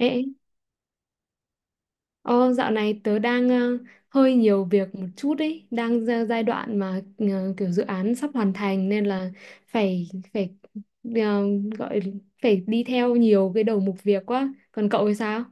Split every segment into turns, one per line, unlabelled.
Ê, ô, dạo này tớ đang hơi nhiều việc một chút ấy, đang ra giai đoạn mà kiểu dự án sắp hoàn thành nên là phải phải ờ, gọi phải đi theo nhiều cái đầu mục việc quá. Còn cậu thì sao?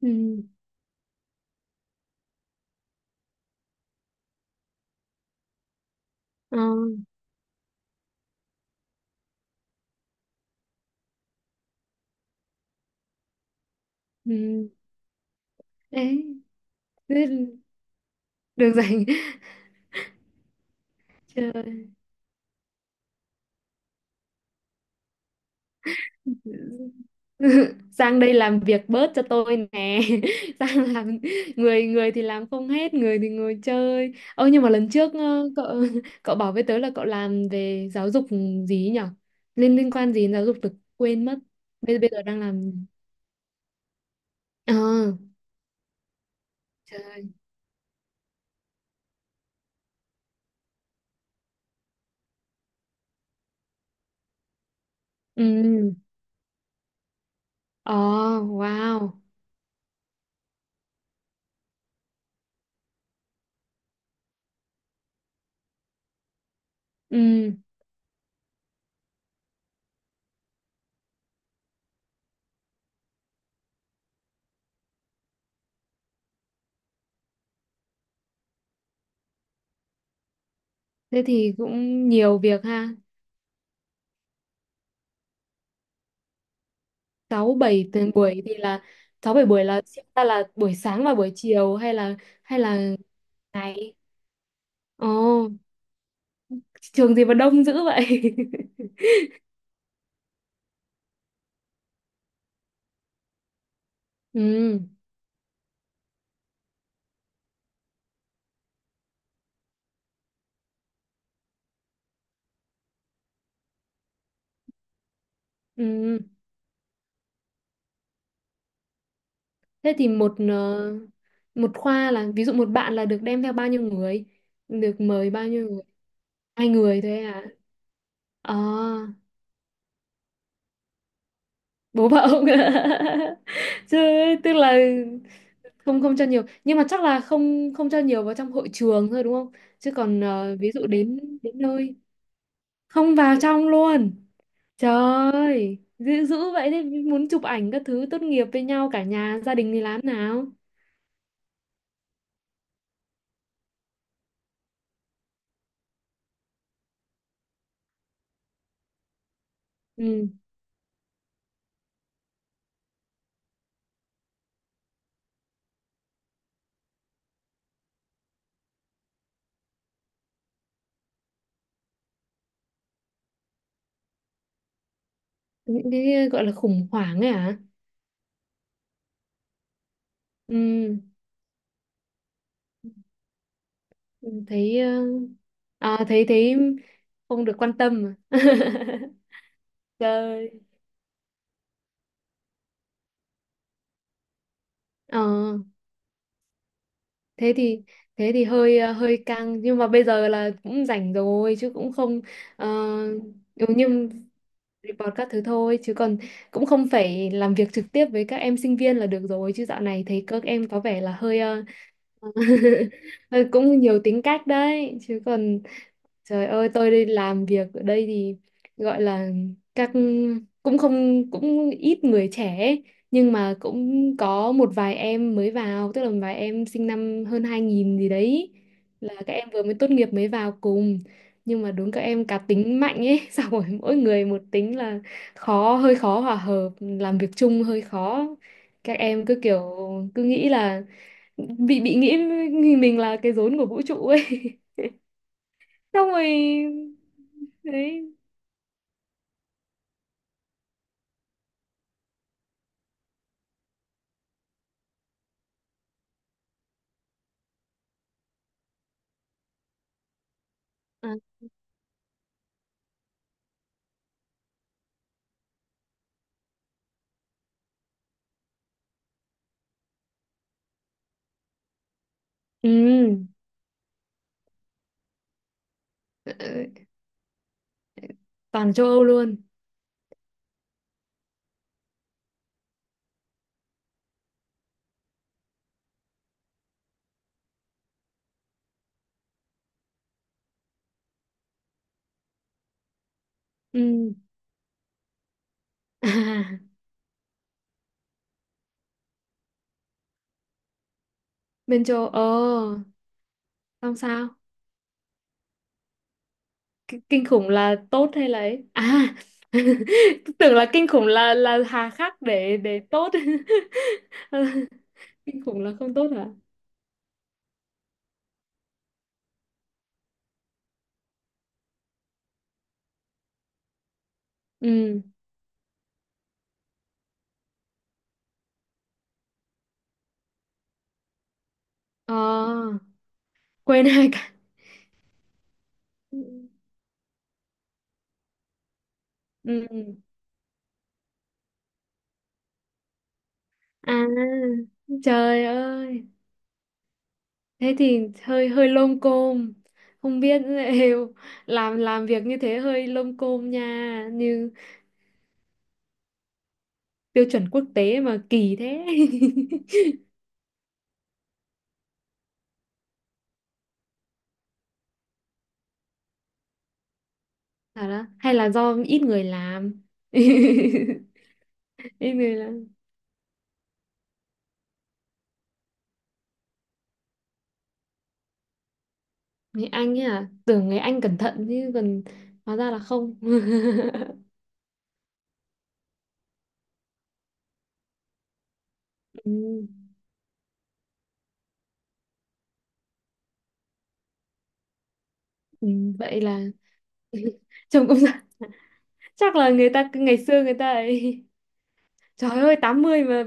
Ừ. Ờ. Ừ. Đấy. Thế. Được rồi. Trời. sang đây làm việc bớt cho tôi nè sang làm người người thì làm không hết, người thì ngồi chơi. Nhưng mà lần trước cậu cậu bảo với tớ là cậu làm về giáo dục gì ấy nhở, liên liên quan gì đến giáo dục tớ quên mất, bây bây giờ đang làm gì? ờ Trời. Ừ. ờ wow. Ừ, thế thì cũng nhiều việc ha. Sáu bảy buổi thì là, sáu bảy buổi, là buổi sáng và buổi chiều hay là ngày? Ồ, trường gì mà đông dữ vậy? Ừ, ừ. Thế thì một khoa là, ví dụ một bạn là được đem theo bao nhiêu người? Được mời bao nhiêu người? Hai người thôi à? À, bố vợ không? Chứ tức là không không cho nhiều, nhưng mà chắc là không không cho nhiều vào trong hội trường thôi đúng không? Chứ còn ví dụ đến đến nơi không vào trong luôn. Trời ơi, dữ dữ vậy đấy, muốn chụp ảnh các thứ tốt nghiệp với nhau cả nhà gia đình thì làm nào? Ừ, những cái gọi là khủng hoảng ấy hả? Ừ, ừ, thấy thấy thấy không được quan tâm, à? Trời. Ờ, thế thì thế thì hơi căng, nhưng mà bây giờ là cũng rảnh rồi chứ cũng không. ờ, ừ, nhưng report các thứ thôi chứ còn cũng không phải làm việc trực tiếp với các em sinh viên là được rồi, chứ dạo này thấy các em có vẻ là hơi Ờ, cũng nhiều tính cách đấy chứ còn. Trời ơi, tôi đi làm việc ở đây thì gọi là các cũng không cũng ít người trẻ ấy, nhưng mà cũng có một vài em mới vào, tức là một vài em sinh năm hơn 2000 gì đấy, là các em vừa mới tốt nghiệp mới vào cùng, nhưng mà đúng các em cá tính mạnh ấy xong rồi mỗi người một tính là hơi khó hòa hợp, làm việc chung hơi khó, các em cứ kiểu cứ nghĩ là bị nghĩ mình là cái rốn của vũ trụ ấy xong rồi đấy. À, ừ, ờ, ờ, toàn châu Âu luôn. Ừ à, bên châu ờ xong sao? Kinh khủng là tốt hay là ấy à? Tưởng là kinh khủng là hà khắc để tốt kinh khủng là không tốt hả? Ừ. ờ Quên hai cái. Ừ. Ừ. À, trời ơi, thế thì hơi hơi lông côm, không biết liệu làm việc như thế hơi lông côm nha, như tiêu chuẩn quốc tế mà kỳ thế. Bảo đó hay là do ít người làm. Ít người làm. Người Anh ấy à? Tưởng người Anh cẩn thận chứ còn hóa ra là không. Ừ, ừ, vậy là chồng cũng chắc là người ta ngày xưa người ta ấy. Trời ơi 80 mà,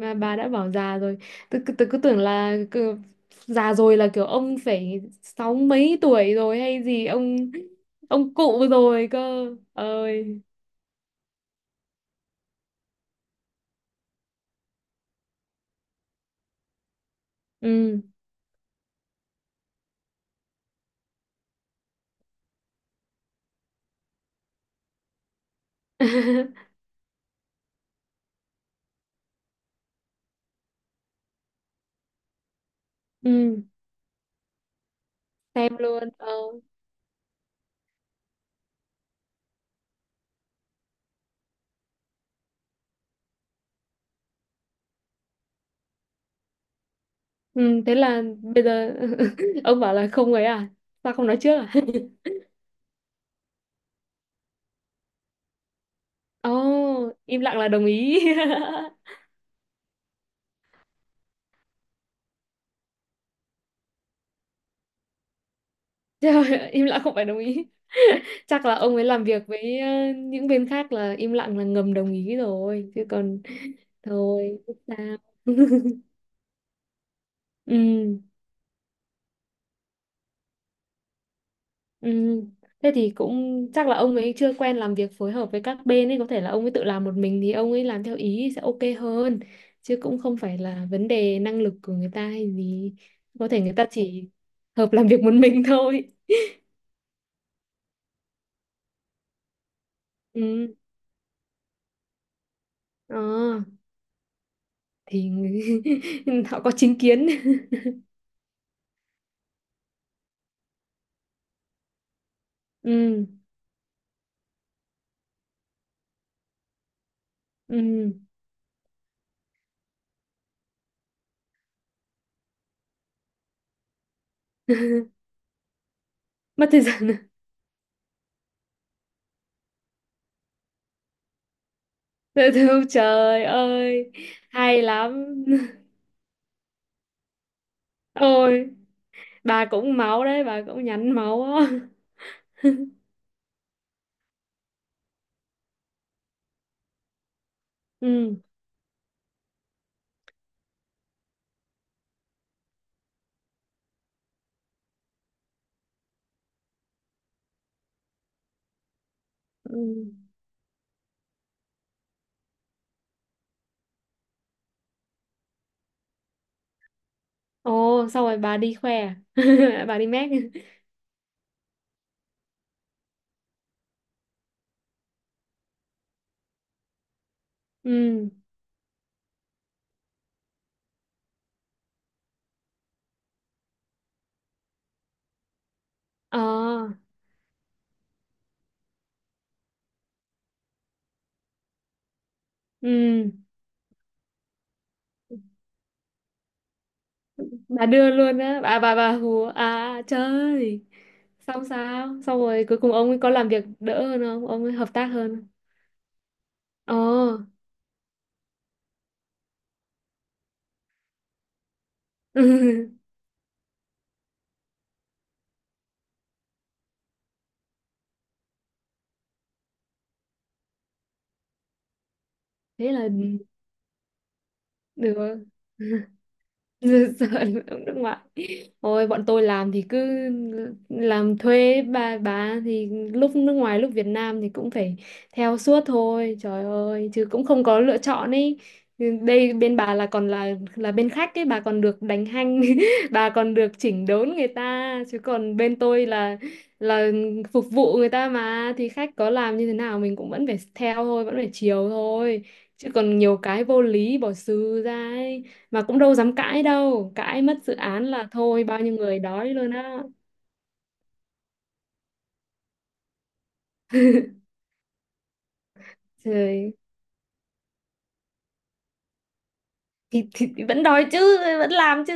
bà đã bảo già rồi. Tôi cứ tưởng là già rồi là kiểu ông phải sáu mấy tuổi rồi hay gì, ông cụ rồi cơ. Ơi. Ừ. Ừ, xem luôn. Ờ. Ừ, thế là bây giờ ông bảo là không ấy à? Sao không nói trước à? Ồ, im lặng là đồng ý. Trời ơi, im lặng không phải đồng ý. Chắc là ông ấy làm việc với những bên khác là im lặng là ngầm đồng ý rồi. Chứ còn thôi, biết sao. Ừ, ừ. Thế thì cũng chắc là ông ấy chưa quen làm việc phối hợp với các bên ấy. Có thể là ông ấy tự làm một mình thì ông ấy làm theo ý sẽ ok hơn. Chứ cũng không phải là vấn đề năng lực của người ta hay gì. Có thể người ta chỉ hợp làm việc một mình thôi. Ừ. Ờ, thì người- họ có chính kiến. Ừ. Ừ. Mất thời gian à? Dễ thương trời ơi. Hay lắm. Ôi bà cũng máu đấy, bà cũng nhắn máu á. Ừ. Ừ. Ồ, xong rồi bà đi khoe à? Bà đi mét. Ừ. Ờ, ừ. Bà đưa luôn á, bà hùa. À trời. Xong sao? Xong rồi cuối cùng ông ấy có làm việc đỡ hơn không? Ông ấy hợp tác hơn không? Ờ. Thế là, ừ, được sợ ở nước ngoài. Ôi bọn tôi làm thì cứ làm thuê, bà thì lúc nước ngoài lúc Việt Nam thì cũng phải theo suốt thôi, trời ơi, chứ cũng không có lựa chọn ấy. Đây bên bà là còn là bên khách ấy, bà còn được đánh hanh, bà còn được chỉnh đốn người ta, chứ còn bên tôi là phục vụ người ta, mà thì khách có làm như thế nào mình cũng vẫn phải theo thôi, vẫn phải chiều thôi, chứ còn nhiều cái vô lý bỏ xừ ra ấy, mà cũng đâu dám cãi, đâu cãi mất dự án là thôi bao nhiêu người đói luôn á. Trời, thì vẫn đói chứ vẫn làm chứ.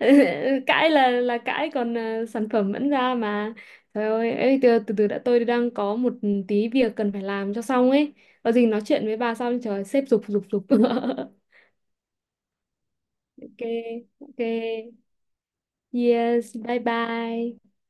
Cãi là cãi, còn sản phẩm vẫn ra mà. Trời ơi ấy, từ từ đã, tôi đang có một tí việc cần phải làm cho xong ấy, có gì nói chuyện với bà sau, trời sếp giục giục giục. Ok ok. Yes, bye bye.